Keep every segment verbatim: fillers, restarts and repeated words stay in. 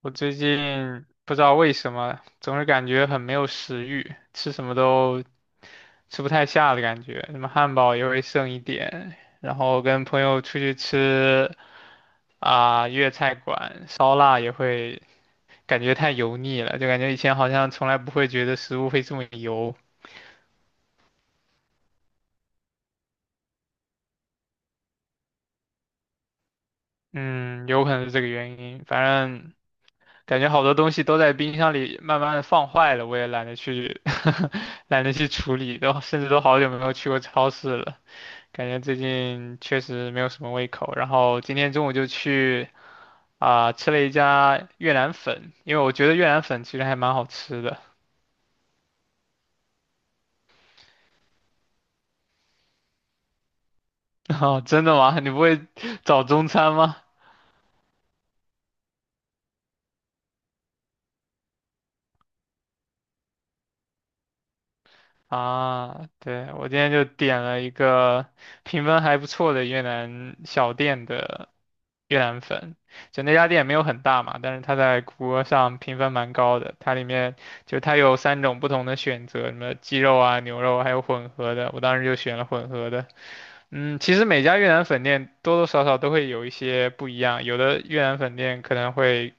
我最近不知道为什么，总是感觉很没有食欲，吃什么都吃不太下的感觉，什么汉堡也会剩一点，然后跟朋友出去吃啊、粤菜馆烧腊也会感觉太油腻了，就感觉以前好像从来不会觉得食物会这么油。嗯，有可能是这个原因，反正感觉好多东西都在冰箱里慢慢的放坏了，我也懒得去 懒得去处理，都甚至都好久没有去过超市了。感觉最近确实没有什么胃口，然后今天中午就去啊、吃了一家越南粉，因为我觉得越南粉其实还蛮好吃的。哦，真的吗？你不会找中餐吗？啊，对，我今天就点了一个评分还不错的越南小店的越南粉，就那家店没有很大嘛，但是它在谷歌上评分蛮高的。它里面就它有三种不同的选择，什么鸡肉啊、牛肉，还有混合的。我当时就选了混合的。嗯，其实每家越南粉店多多少少都会有一些不一样，有的越南粉店可能会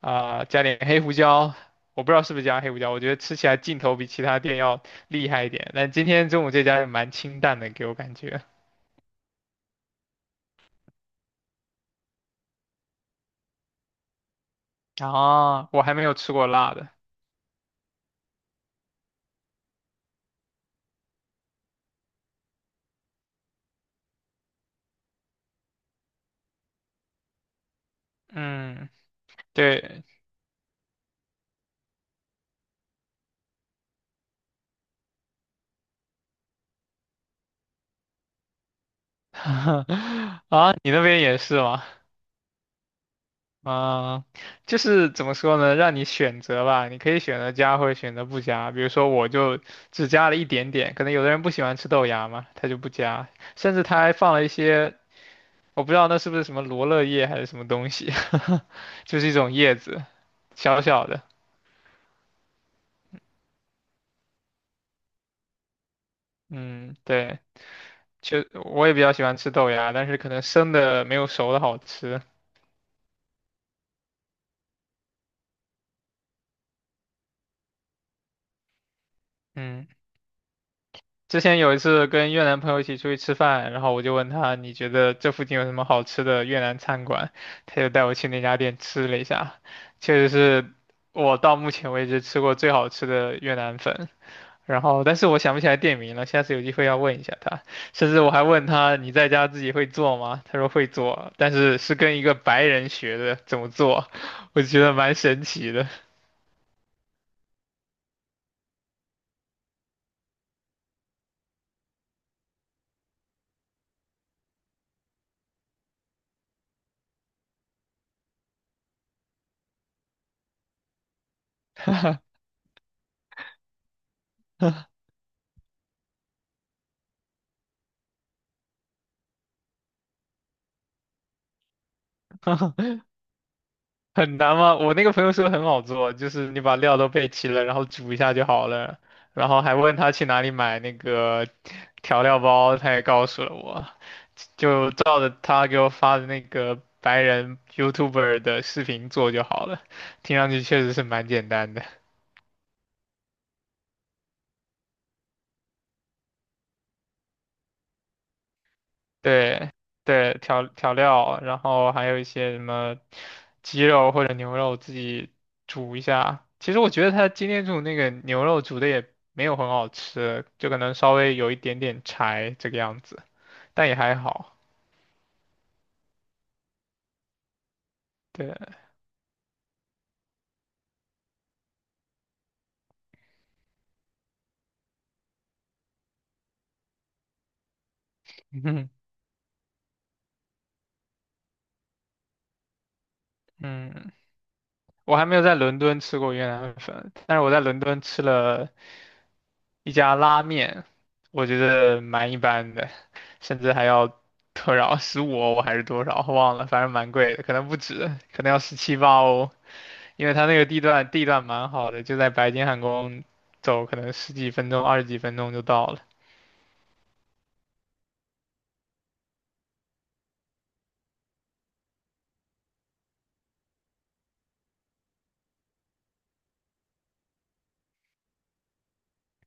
啊、加点黑胡椒，我不知道是不是加黑胡椒，我觉得吃起来劲头比其他店要厉害一点。但今天中午这家也蛮清淡的，给我感觉。啊，我还没有吃过辣的。嗯，对。啊，你那边也是吗？啊，就是怎么说呢，让你选择吧，你可以选择加或者选择不加。比如说，我就只加了一点点，可能有的人不喜欢吃豆芽嘛，他就不加，甚至他还放了一些，我不知道那是不是什么罗勒叶还是什么东西，就是一种叶子，小小的。嗯，对，就我也比较喜欢吃豆芽，但是可能生的没有熟的好吃。嗯。之前有一次跟越南朋友一起出去吃饭，然后我就问他，你觉得这附近有什么好吃的越南餐馆？他就带我去那家店吃了一下，确实是我到目前为止吃过最好吃的越南粉。然后，但是我想不起来店名了，下次有机会要问一下他。甚至我还问他，你在家自己会做吗？他说会做，但是是跟一个白人学的怎么做，我觉得蛮神奇的。很难吗？我那个朋友说很好做，就是你把料都备齐了，然后煮一下就好了。然后还问他去哪里买那个调料包，他也告诉了我，就照着他给我发的那个白人 Y O U T U B E R 的视频做就好了。听上去确实是蛮简单的。对对，调调料，然后还有一些什么鸡肉或者牛肉自己煮一下。其实我觉得他今天煮那个牛肉煮的也没有很好吃，就可能稍微有一点点柴这个样子，但也还好。对。嗯嗯，我还没有在伦敦吃过越南粉，但是我在伦敦吃了一家拉面，我觉得蛮一般的，甚至还要多少十五欧十五欧还是多少，忘了，反正蛮贵的，可能不止，可能要十七八欧，因为它那个地段地段蛮好的，就在白金汉宫走，可能十几分钟、二十几分钟就到了。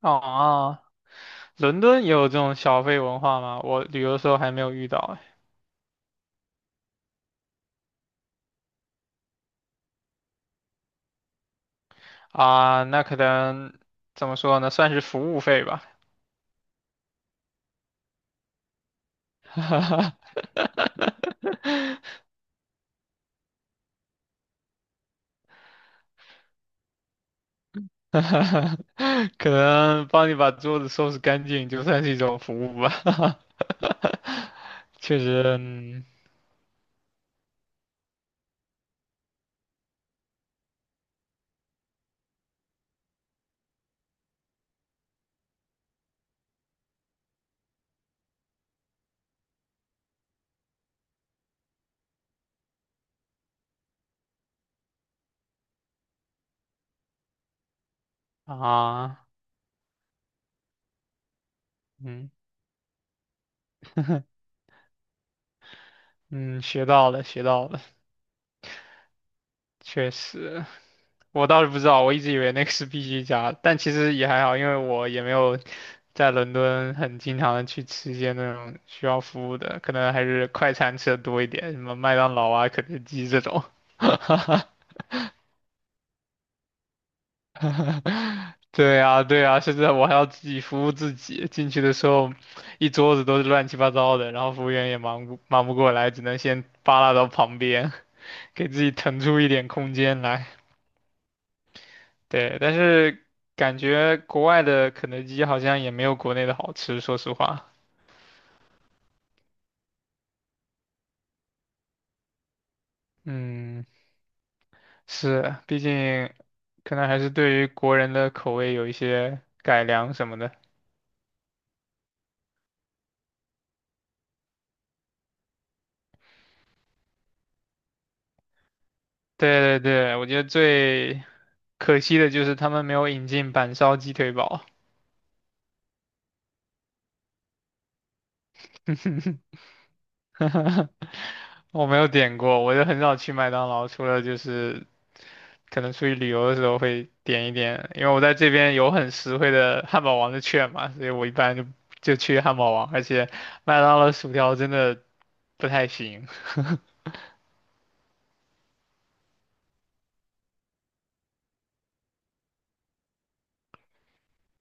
哦，伦敦也有这种小费文化吗？我旅游的时候还没有遇到哎。啊，那可能怎么说呢，算是服务费吧。可能帮你把桌子收拾干净，就算是一种服务吧。确实，嗯。啊，嗯嗯，学到了，学到了。确实，我倒是不知道，我一直以为那个是必须加，但其实也还好，因为我也没有在伦敦很经常的去吃一些那种需要服务的，可能还是快餐吃的多一点，什么麦当劳啊、肯德基这种。对啊，对啊，甚至我还要自己服务自己。进去的时候，一桌子都是乱七八糟的，然后服务员也忙不忙不过来，只能先扒拉到旁边，给自己腾出一点空间来。对，但是感觉国外的肯德基好像也没有国内的好吃，说实话。嗯，是，毕竟可能还是对于国人的口味有一些改良什么的。对对对，我觉得最可惜的就是他们没有引进板烧鸡腿堡。我没有点过，我就很少去麦当劳，除了就是可能出去旅游的时候会点一点，因为我在这边有很实惠的汉堡王的券嘛，所以我一般就就去汉堡王，而且麦当劳的薯条真的不太行。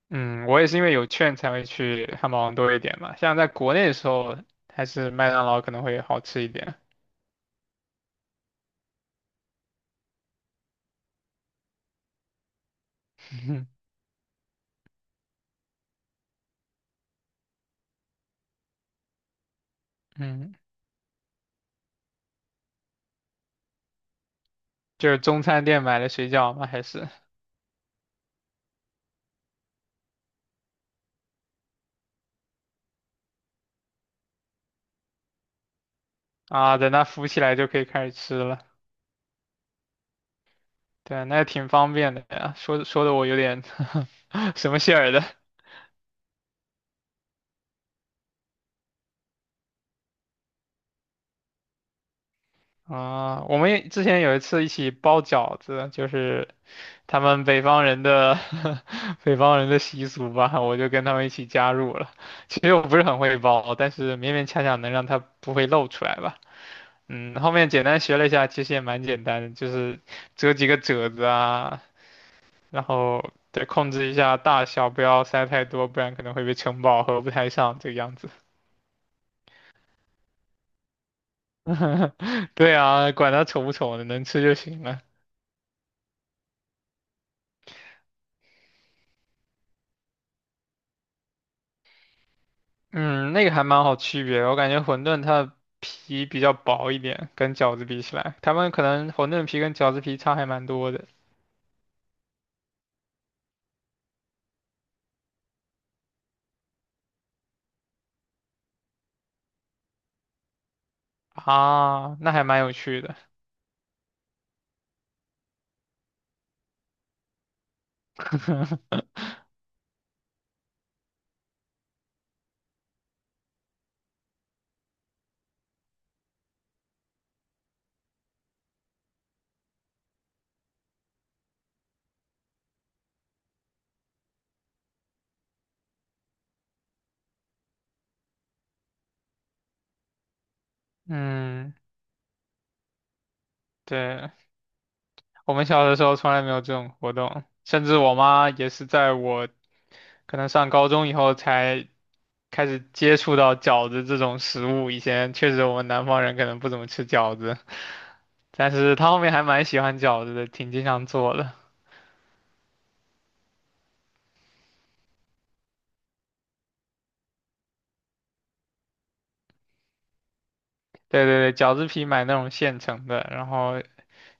嗯，我也是因为有券才会去汉堡王多一点嘛，像在国内的时候，还是麦当劳可能会好吃一点。嗯，就是中餐店买的水饺嘛，还是啊，等它浮起来就可以开始吃了。对啊，那也挺方便的呀，说说的我有点 什么馅儿的啊。我们也之前有一次一起包饺子，就是他们北方人的 北方人的习俗吧，我就跟他们一起加入了。其实我不是很会包，但是勉勉强强能让它不会露出来吧。嗯，后面简单学了一下，其实也蛮简单的，就是折几个褶子啊，然后对控制一下大小，不要塞太多，不然可能会被撑爆，合不太上这个样子。对啊，管它丑不丑的，能吃就行了。嗯，那个还蛮好区别的我感觉馄饨它的皮比较薄一点，跟饺子比起来，他们可能馄饨皮跟饺子皮差还蛮多的。啊，那还蛮有趣的。嗯，对，我们小的时候从来没有这种活动，甚至我妈也是在我可能上高中以后才开始接触到饺子这种食物，以前确实我们南方人可能不怎么吃饺子。但是他后面还蛮喜欢饺子的，挺经常做的。对对对，饺子皮买那种现成的，然后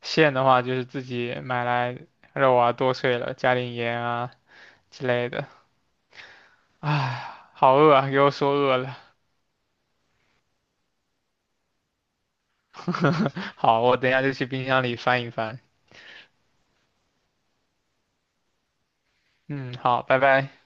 馅的话就是自己买来肉啊剁碎了，加点盐啊之类的。唉，好饿啊，给我说饿了。好，我等一下就去冰箱里翻一翻。嗯，好，拜拜。